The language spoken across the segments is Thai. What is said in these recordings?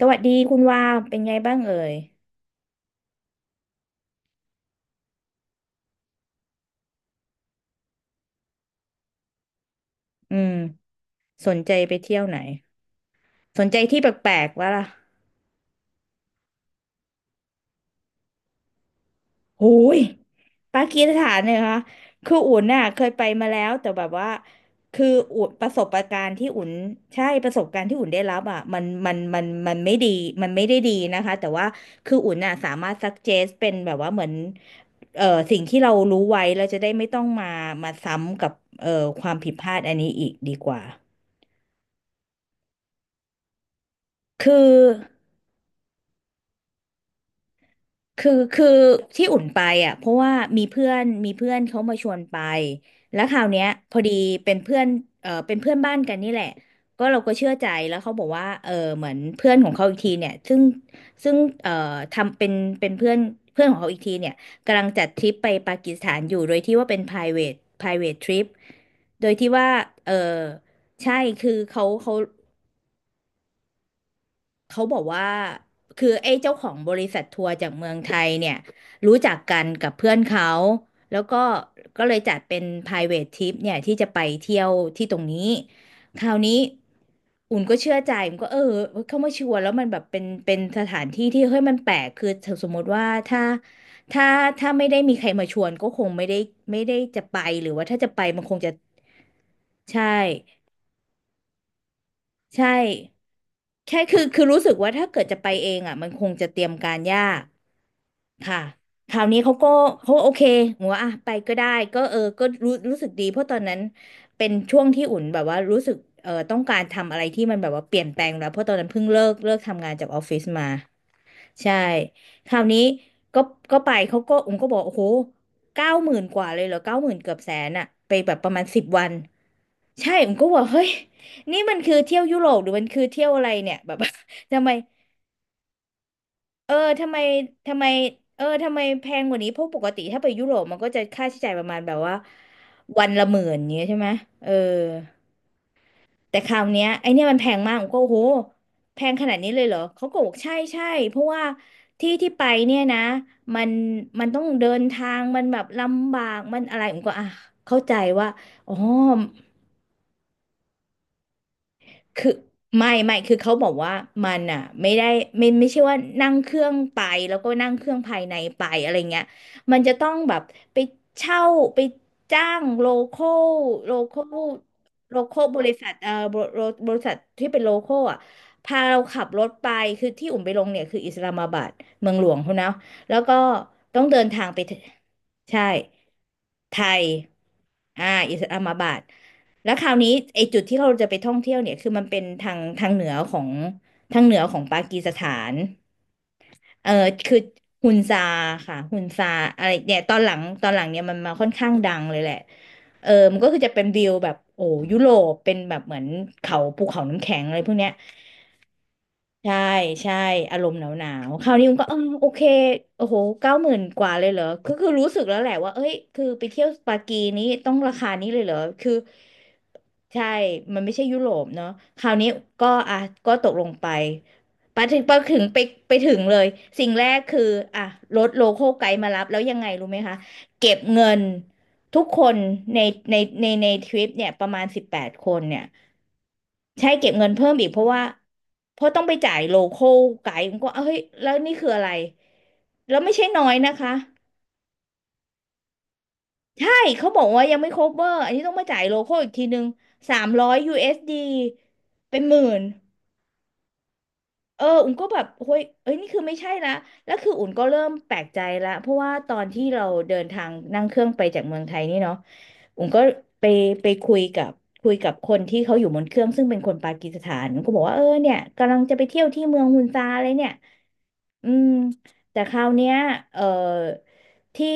สวัสดีคุณวาวเป็นไงบ้างเอ่ยอืมสนใจไปเที่ยวไหนสนใจที่แปลกๆวะล่ะโอ้ยปากีสถานเนี่ยคะคืออุ่นน่ะเคยไปมาแล้วแต่แบบว่าคืออุ่นประสบการณ์ที่อุ่นใช่ประสบการณ์ที่อุ่นได้รับอ่ะมันไม่ดีมันไม่ได้ดีนะคะแต่ว่าคืออุ่นน่ะสามารถซักเจสเป็นแบบว่าเหมือนเอ่อสิ่งที่เรารู้ไว้แล้วจะได้ไม่ต้องมามาซ้ำกับเอ่อความผิดพลาดอันนี้อีกดีกว่าคือ คือที่อุ่นไปอ่ะเพราะว่ามีเพื่อนมีเพื่อนเขามาชวนไปแล้วคราวเนี้ยพอดีเป็นเพื่อนเออเป็นเพื่อนบ้านกันนี่แหละก็เราก็เชื่อใจแล้วเขาบอกว่าเออเหมือนเพื่อนของเขาอีกทีเนี่ยซึ่งเออทำเป็นเป็นเพื่อนเพื่อนของเขาอีกทีเนี่ยกำลังจัดทริปไปปากีสถานอยู่โดยที่ว่าเป็น private trip โดยที่ว่าเออใช่คือเขา เขาบอกว่าคือไอ้เจ้าของบริษัททัวร์จากเมืองไทยเนี่ยรู้จักกันกับเพื่อนเขาแล้วก็ก็เลยจัดเป็น private trip เนี่ยที่จะไปเที่ยวที่ตรงนี้คราวนี้อุ่นก็เชื่อใจอุ่นก็เออเข้ามาชวนแล้วมันแบบเป็นเป็นสถานที่ที่เฮ้ยมันแปลกคือสมมติว่าถ้าถ้าไม่ได้มีใครมาชวนก็คงไม่ได้ไม่ได้จะไปหรือว่าถ้าจะไปมันคงจะใช่ใช่แค่คือคือรู้สึกว่าถ้าเกิดจะไปเองอ่ะมันคงจะเตรียมการยาก ค่ะคราวนี้เขาก็เขาโอเคหัว่าอ่ะไปก็ได้ก็เออก็รู้รู้สึกดีเพราะตอนนั้นเป็นช่วงที่อุ่นแบบว่ารู้สึกเออต้องการทำอะไรที่มันแบบว่าเปลี่ยนแปลงแล้วเพราะตอนนั้นเพิ่งเลิกทำงานจากออฟฟิศมาใช่คราวนี้ก็ก็ไปเขาก็อุ่นก็บอกโอ้โหเก้าหมื่นกว่าเลยเหรอเก้าหมื่นเกือบแสนอะไปแบบประมาณสิบวันใช่อุ่นก็บอกเฮ้ยนี่มันคือเที่ยวยุโรปหรือมันคือเที่ยวอะไรเนี่ยแบบ ทำไม เออทำไมทำไมเออทำไมแพงกว่านี้เพราะปกติถ้าไปยุโรปมันก็จะค่าใช้จ่ายประมาณแบบว่าวันละหมื่นอย่างเงี้ยใช่ไหมเออแต่คราวเนี้ยไอเนี่ยมันแพงมากผมก็โอ้โหแพงขนาดนี้เลยเหรอเขาก็บอกใช่ใช่เพราะว่าที่ที่ไปเนี่ยนะมันมันต้องเดินทางมันแบบลำบากมันอะไรผมก็อ่ะเข้าใจว่าอ๋อ คือไม่คือเขาบอกว่ามันอ่ะไม่ได้ไม่ใช่ว่านั่งเครื่องไปแล้วก็นั่งเครื่องภายในไปอะไรเงี้ยมันจะต้องแบบไปเช่าไปจ้างคอลโลคอลโลคอลบริษัทบริษัทที่เป็นโลคอลอ่ะพาเราขับรถไปคือที่อุ่มไปลงเนี่ยคืออิสลามาบัดเมืองหลวงเขานะแล้วก็ต้องเดินทางไปถึงใช่ไทยอ่าอิสลามาบัด แล้วคราวนี้ไอ้จุดที่เราจะไปท่องเที่ยวเนี่ยคือมันเป็นทางเหนือของทางเหนือของปากีสถานเออคือฮุนซาค่ะฮุนซาอะไรเนี่ยตอนหลังตอนหลังเนี่ยมันมาค่อนข้างดังเลยแหละเออมันก็คือจะเป็นวิวแบบโอ้ยุโรปเป็นแบบเหมือนเขาภูเขาน้ำแข็งอะไรพวกเนี้ย ใช่ใช่อารมณ์หนาวหนาวคราวนี้มันก็เออโอเคโอ้โหเก้าหมื่นกว่าเลยเหรอคือคือรู้สึกแล้วแหละว่าเอ้ยคือไปเที่ยวปากีนี้ต้องราคานี้เลยเหรอคือใช่มันไม่ใช่ยุโรปเนาะคราวนี้ก็อ่ะก็ตกลงไปไปถึงไปถึงไปไปถึงเลยสิ่งแรกคืออ่ะรถโลคอลไกด์มารับแล้วยังไงรู้ไหมคะเก็บเงินทุกคนในในในทริปเนี่ยประมาณสิบแปดคนเนี่ย ใช่เก็บเงินเพิ่มอีกเพราะว่าเพราะต้องไปจ่ายโลคอลไกด์ผมก็เอ้ยแล้วนี่คืออะไรแล้วไม่ใช่น้อยนะคะใช่เขาบอกว่ายังไม่ cover อันนี้ต้องมาจ่ายโลคอลอีกทีนึงสามร้อย USD เอสดีเป็นหมื่น เอออุ่นก็แบบเฮ้ยเอ้ยนี่คือไม่ใช่ละแล้วคืออุ่นก็เริ่มแปลกใจละเพราะว่าตอนที่เราเดินทางนั่งเครื่องไปจากเมืองไทยนี่เนาะอุ่นก็ไปไปคุยกับคนที่เขาอยู่บนเครื่องซึ่งเป็นคนปากีสถานก็บอกว่าเออเนี่ยกำลังจะไปเที่ยวที่เมืองฮุนซาอะไรเนี่ยอืมแต่คราวเนี้ยเออที่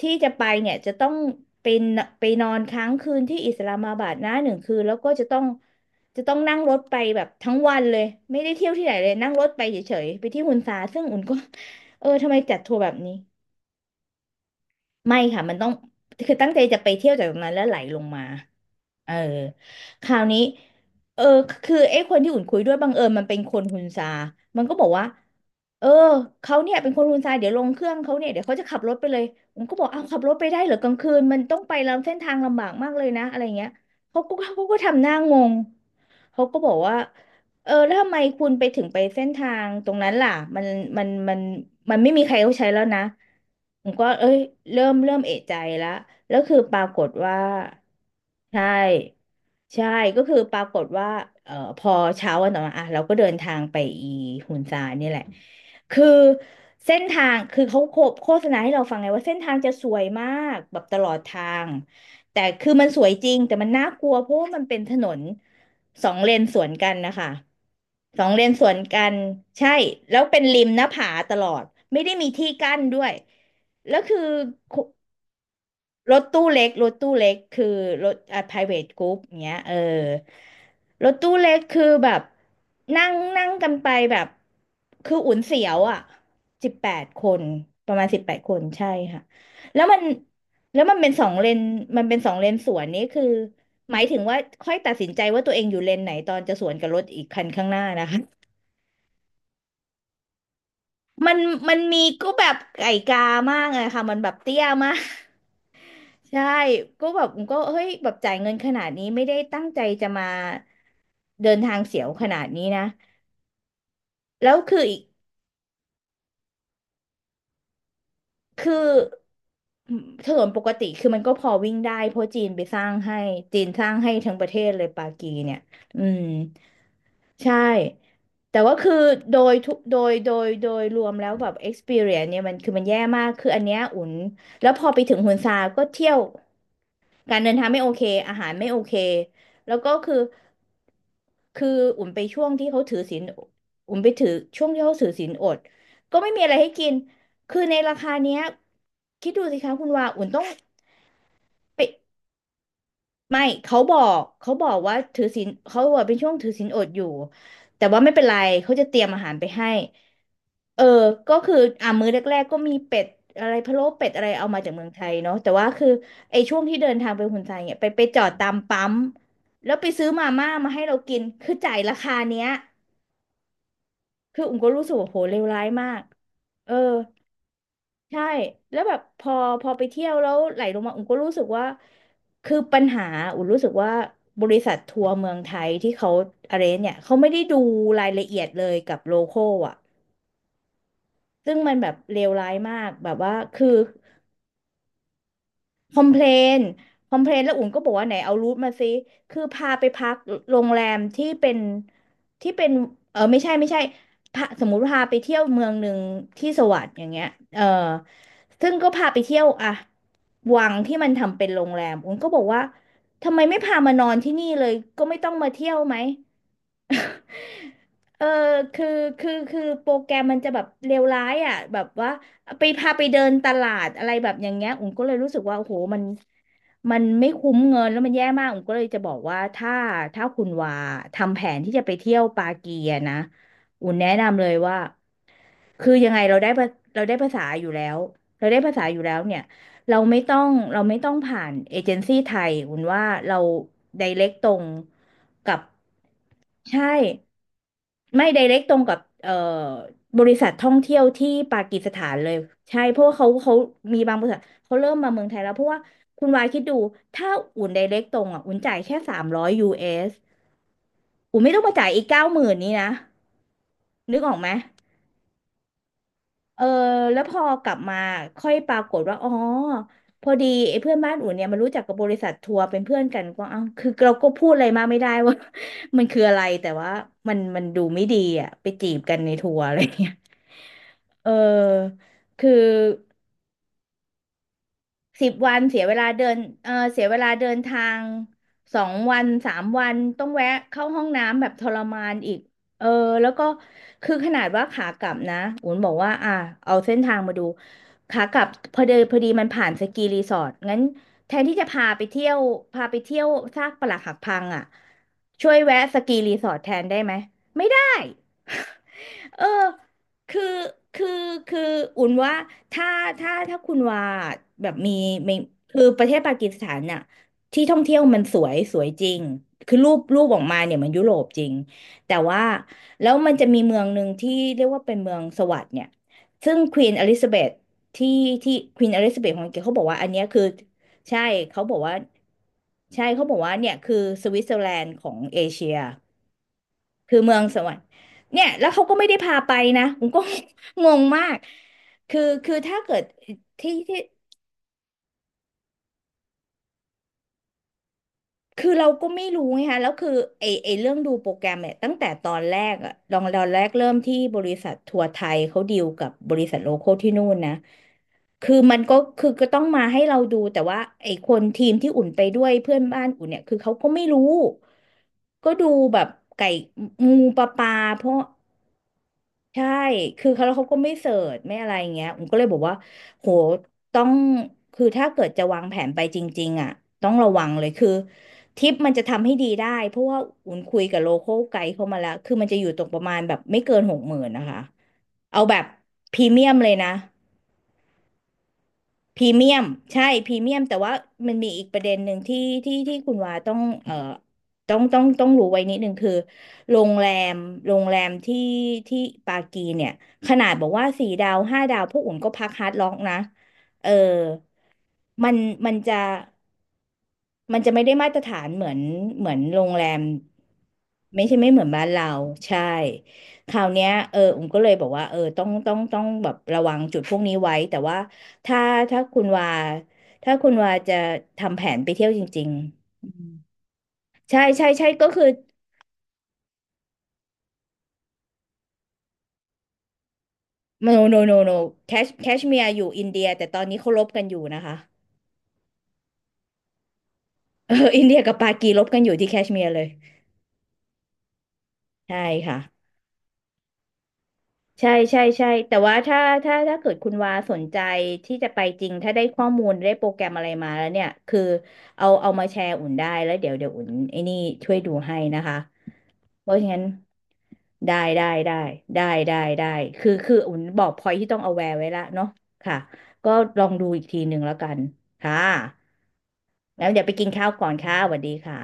ที่จะไปเนี่ยจะต้องเป็นไปนอนค้างคืนที่อิสลามาบัดนะ1 คืนแล้วก็จะต้องนั่งรถไปแบบทั้งวันเลยไม่ได้เที่ยวที่ไหนเลยนั่งรถไปเฉยๆไปที่ฮุนซาซึ่งอุ่นก็เออทำไมจัดทัวร์แบบนี้ ไม่ค่ะมันต้องคือตั้งใจจะไปเที่ยวจากตรงนั้นแล้วไหลลงมาเออคราวนี้เออคือไอ้คนที่อุ่นคุยด้วยบังเอิญมันเป็นคนฮุนซามันก็บอกว่าเออเขาเนี่ยเป็นคนฮุนซาเดี๋ยวลงเครื่องเขาเนี่ยเดี๋ยวเขาจะขับรถไปเลยผมก็บอกอ้าวขับรถไปได้เหรอกลางคืนมันต้องไปลำเส้นทางลำบากมากเลยนะอะไรเงี้ยเขาก็ทำหน้างงเขาก็บอกว่าเออแล้วทำไมคุณไปถึงไปเส้นทางตรงนั้นล่ะมันมันมันมันไม่มีใครเขาใช้แล้วนะ ผมก็เอ้ยเริ่มเอะใจแล้วแล้วคือปรากฏว่าใช่ ใช่ก็คือปรากฏว่าพอเช้าวันต่อมาอ่ะเราก็เดินทางไปอีฮุนซาเนี่ยแหละคือเส้นทางคือเขาโฆษณาให้เราฟังไงว่าเส้นทางจะสวยมากแบบตลอดทางแต่คือมันสวยจริงแต่มันน่ากลัวเพราะว่ามันเป็นถนนสองเลนสวนกันนะคะสองเลนสวนกันใช่แล้วเป็นริมหน้าผาตลอดไม่ได้มีที่กั้นด้วยแล้วคือ รถตู้เล็กคือรถอ่ะ private group เงี้ยเออรถตู้เล็กคือแบบนั่งนั่งกันไปแบบคืออุ่นเสียวอ่ะสิบแปดคนประมาณสิบแปดคนใช่ค่ะแล้วมันแล้วมันเป็นสองเลนมันเป็นสองเลนสวนนี่คือหมายถึงว่าค่อยตัดสินใจว่าตัวเองอยู่เลนไหนตอนจะสวนกับรถอีกคันข้างหน้านะคะมันมันมีก็แบบไก่กามากเลยค่ะมันแบบเตี้ยมาก ใช่ก็แบบก็เฮ้ยแบบจ่ายเงินขนาดนี้ไม่ได้ตั้งใจจะมาเดินทางเสียวขนาดนี้นะแล้วคืออีกคือถนนปกติคือมันก็พอวิ่งได้เพราะจีนไปสร้างให้จีนสร้างให้ทั้งประเทศเลยปากีเนี่ยอืมใช่แต่ว่าคือโดยทุกโดยโดยโดยรวมแล้วแบบ experience เนี่ยมันคือมันแย่มากคืออันเนี้ยอุ่นแล้วพอไปถึงฮุนซาก็เที่ยว การเดินทางไม่โอเคอาหารไม่โอเคแล้วก็คือคืออุ่นไปช่วงที่เขาถือศีลอุ่นไปถือช่วงที่เขาถือศีลอดก็ไม่มีอะไรให้กินคือในราคาเนี้ยคิดดูสิคะคุณว่าอุ่นต้องไปไม่เขาบอกเขาบอกว่าถือศีลเขาบอกเป็นช่วงถือศีลอดอยู่แต่ว่าไม่เป็นไรเขาจะเตรียมอาหารไปให้ เออ ก็คืออ่ามื้อแรกๆก็มีเป็ดอะไรพะโล้เป็ดอะไรเอามาจากเมืองไทยเนาะแต่ว่าคือไอ้ช่วงที่เดินทางไปฮุนไซเนี่ยไปจอดตามปั๊มแล้วไปซื้อมาม่ามาให้เรากินคือจ่ายราคาเนี้ยคืออุ๋มก็รู้สึกว่าโหเลวร้ายมากเออใช่แล้วแบบพอไปเที่ยวแล้วไหลลงมาอุ๋มก็รู้สึกว่าคือปัญหาอุ๋มรู้สึกว่าบริษัททัวร์เมืองไทยที่เขาอะไรเนี่ยเขาไม่ได้ดูรายละเอียดเลยกับโลคอลอ่ะซึ่งมันแบบเลวร้ายมากแบบว่าคือ คอมเพลนคอมเพลนแล้วอุ่นก็บอกว่าไหนเอารูทมาซิคือพาไปพักโรงแรมที่เป็นเออไม่ใช่ไม่ใช่พาสมมุติว่าพาไปเที่ยวเมืองหนึ่งที่สวัสดอย่างเงี้ยเออซึ่งก็พาไปเที่ยวอะวังที่มันทำเป็นโรงแรมอุ่นก็บอกว่าทำไมไม่พามานอนที่นี่เลย ก็ไม่ต้องมาเที่ยวไหม เอคืออคือโปรแกรมมันจะแบบเลวร้ายอ่ะแบบว่าพาไปเดินตลาดอะไรแบบอย่างเงี้ยอุ๋มก็เลยรู้สึกว่าโอ้โหมันมันไม่คุ้มเงินแล้วมันแย่มากอุ๋มก็เลยจะบอกว่าถ้าคุณวาทำแผนที่จะไปเที่ยวปากีอะนะอุ๋มแนะนำเลยว่าคือยังไงเราได้ภาษาอยู่แล้วเราได้ภาษาอยู่แล้วเนี่ยเราไม่ต้องผ่านเอเจนซี่ไทยอุ๋มว่าเราไดเรกตรงกับใช่ ไม่ d r เ c กตรงกับบริษัทท่องเที่ยวที่ปากีสถานเลยใช่เพราะว่าเขาเขามีบางบริษัทเขาเริ่มมาเมืองไทยแล้วเพราะว่าคุณวายคิดดูถ้าอุ่น d r เ c กตรงอ่ะอุ่นจ่ายแค่300 USอุ่นไม่ต้องมาจ่ายอีก90,000นี้นะนึกออกไหมเออแล้วพอกลับมาค่อยปรากฏว่าอ๋อพอดีไอ้เพื่อนบ้านอุ่นเนี่ยมันรู้จักกับบริษัททัวร์เป็นเพื่อนกันก็เอ้าคือเราก็พูดอะไรมากไม่ได้ว่า มันคืออะไรแต่ว่ามันดูไม่ดีอ่ะไปจีบกันในทัวร์อะไรอย่างเงี้ย เออคือ10 วันเสียเวลาเดินเสียเวลาเดินทาง2-3 วันต้องแวะเข้าห้องน้ำแบบทรมานอีกเออแล้วก็คือขนาดว่าขากลับนะอุ๋นบอกว่าอ่ะเอาเส้นทางมาดูขากลับพอเดินพอดีมันผ่านสกีรีสอร์ทงั้นแทนที่จะพาไปเที่ยวพาไปเที่ยวซากปรักหักพังอ่ะช่วยแวะสกีรีสอร์ทแทนได้ไหมไม่ได้ เออคือคือคืออุ่นว่าถ้าถ้าถ้าคุณว่าแบบมีคือประเทศปากีสถานน่ะที่ท่องเที่ยวมันสวยสวยจริง คือรูปออกมาเนี่ยมันยุโรปจริง แต่ว่า แล้วมันจะมีเมืองหนึ่งที่เรียกว่าเป็นเมืองสวัสด์เนี่ย ซึ่งควีนอลิซาเบธที่ที่ควีนอลิซาเบธของอังกฤษเขาบอกว่า อันเนี้ยคือใช่เขาบอกว่า ใช่เขาบอกว่าเนี่ยคือสวิตเซอร์แลนด์ของเอเชีย คือเมืองสวรรค์เนี่ยแล้วเขาก็ไม่ได้พาไปนะผมก็ งงมากคือถ้าเกิดที่คือเราก็ไม่รู้ไงคะแล้วคือไอไอเรื่องดูโปรแกรมเนี่ยตั้งแต่ตอนแรกอะตอนแรกเริ่มที่บริษัททัวร์ไทยเขาดีลกับบริษัทโลคอลที่นู่นนะคือมันก็คือก็ต้องมาให้เราดูแต่ว่าไอ้คนทีมที่อุ่นไปด้วยเพื่อนบ้านอุ่นเนี่ยคือเขาก็ไม่รู้ก็ดูแบบไก่งูปลาเพราะ ใช่ คือเขาแล้วเขาก็ไม่เสิร์ชไม่อะไรอย่างเงี้ยผมก็เลยบอกว่าโหต้องคือถ้าเกิดจะวางแผนไปจริงๆอ่ะต้องระวังเลย คือทริปมันจะทำให้ดีได้ เพราะว่าอุ่นคุยกับโลคอลไกด์เข้ามาแล้ว คือมันจะอยู่ตรงประมาณแบบไม่เกิน60,000นะคะ เอาแบบพรีเมียมเลยนะ พรีเมียมใช่พรีเมียมแต่ว่ามันมีอีกประเด็นหนึ่งที่ที่คุณวาต้องต้องรู้ไว้นิดหนึ่งคือโรงแรมโรงแรมที่ที่ปากีเนี่ยขนาดบอกว่า4 ดาว 5 ดาวพวกอุ่นก็พักฮาร์ดล็อกนะเออมันมันจะ มันจะไม่ได้มาตรฐานเหมือนเหมือนโรงแรมไม่ใช่ไม่เหมือนบ้านเราใช่คราวเนี้ยเออผมก็เลยบอกว่าเออต้องแบบระวังจุดพวกนี้ไว้แต่ว่าถ้าถ้าคุณวาถ้าคุณวาจะทำแผนไปเที่ยวจริงๆอืมใช่ใช่ใช่ก็คือ no no no no แคชเมียร์อยู่อินเดียแต่ตอนนี้เขารบกันอยู่นะคะ เอออินเดียกับปากีรบกันอยู่ที่แคชเมียร์เลยใช่ค่ะ ใช่ใช่ใช่แต่ว่าถ้าถ้าเกิดคุณวาสนใจที่จะไปจริงถ้าได้ข้อมูลได้โปรแกรมอะไรมาแล้วเนี่ยคือเอามาแชร์อุ่นได้แล้วเดี๋ยวอุ่นไอ้นี่ช่วยดูให้นะคะเพราะฉะนั้นได้ได้ได้ได้ได้คืออุ่นบอกพอยที่ต้อง aware ไว้ละเนาะค่ะก็ลองดูอีกทีหนึ่งแล้วกันค่ะแล้วเดี๋ยวไปกินข้าวก่อนค่ะสวัสดีค่ะ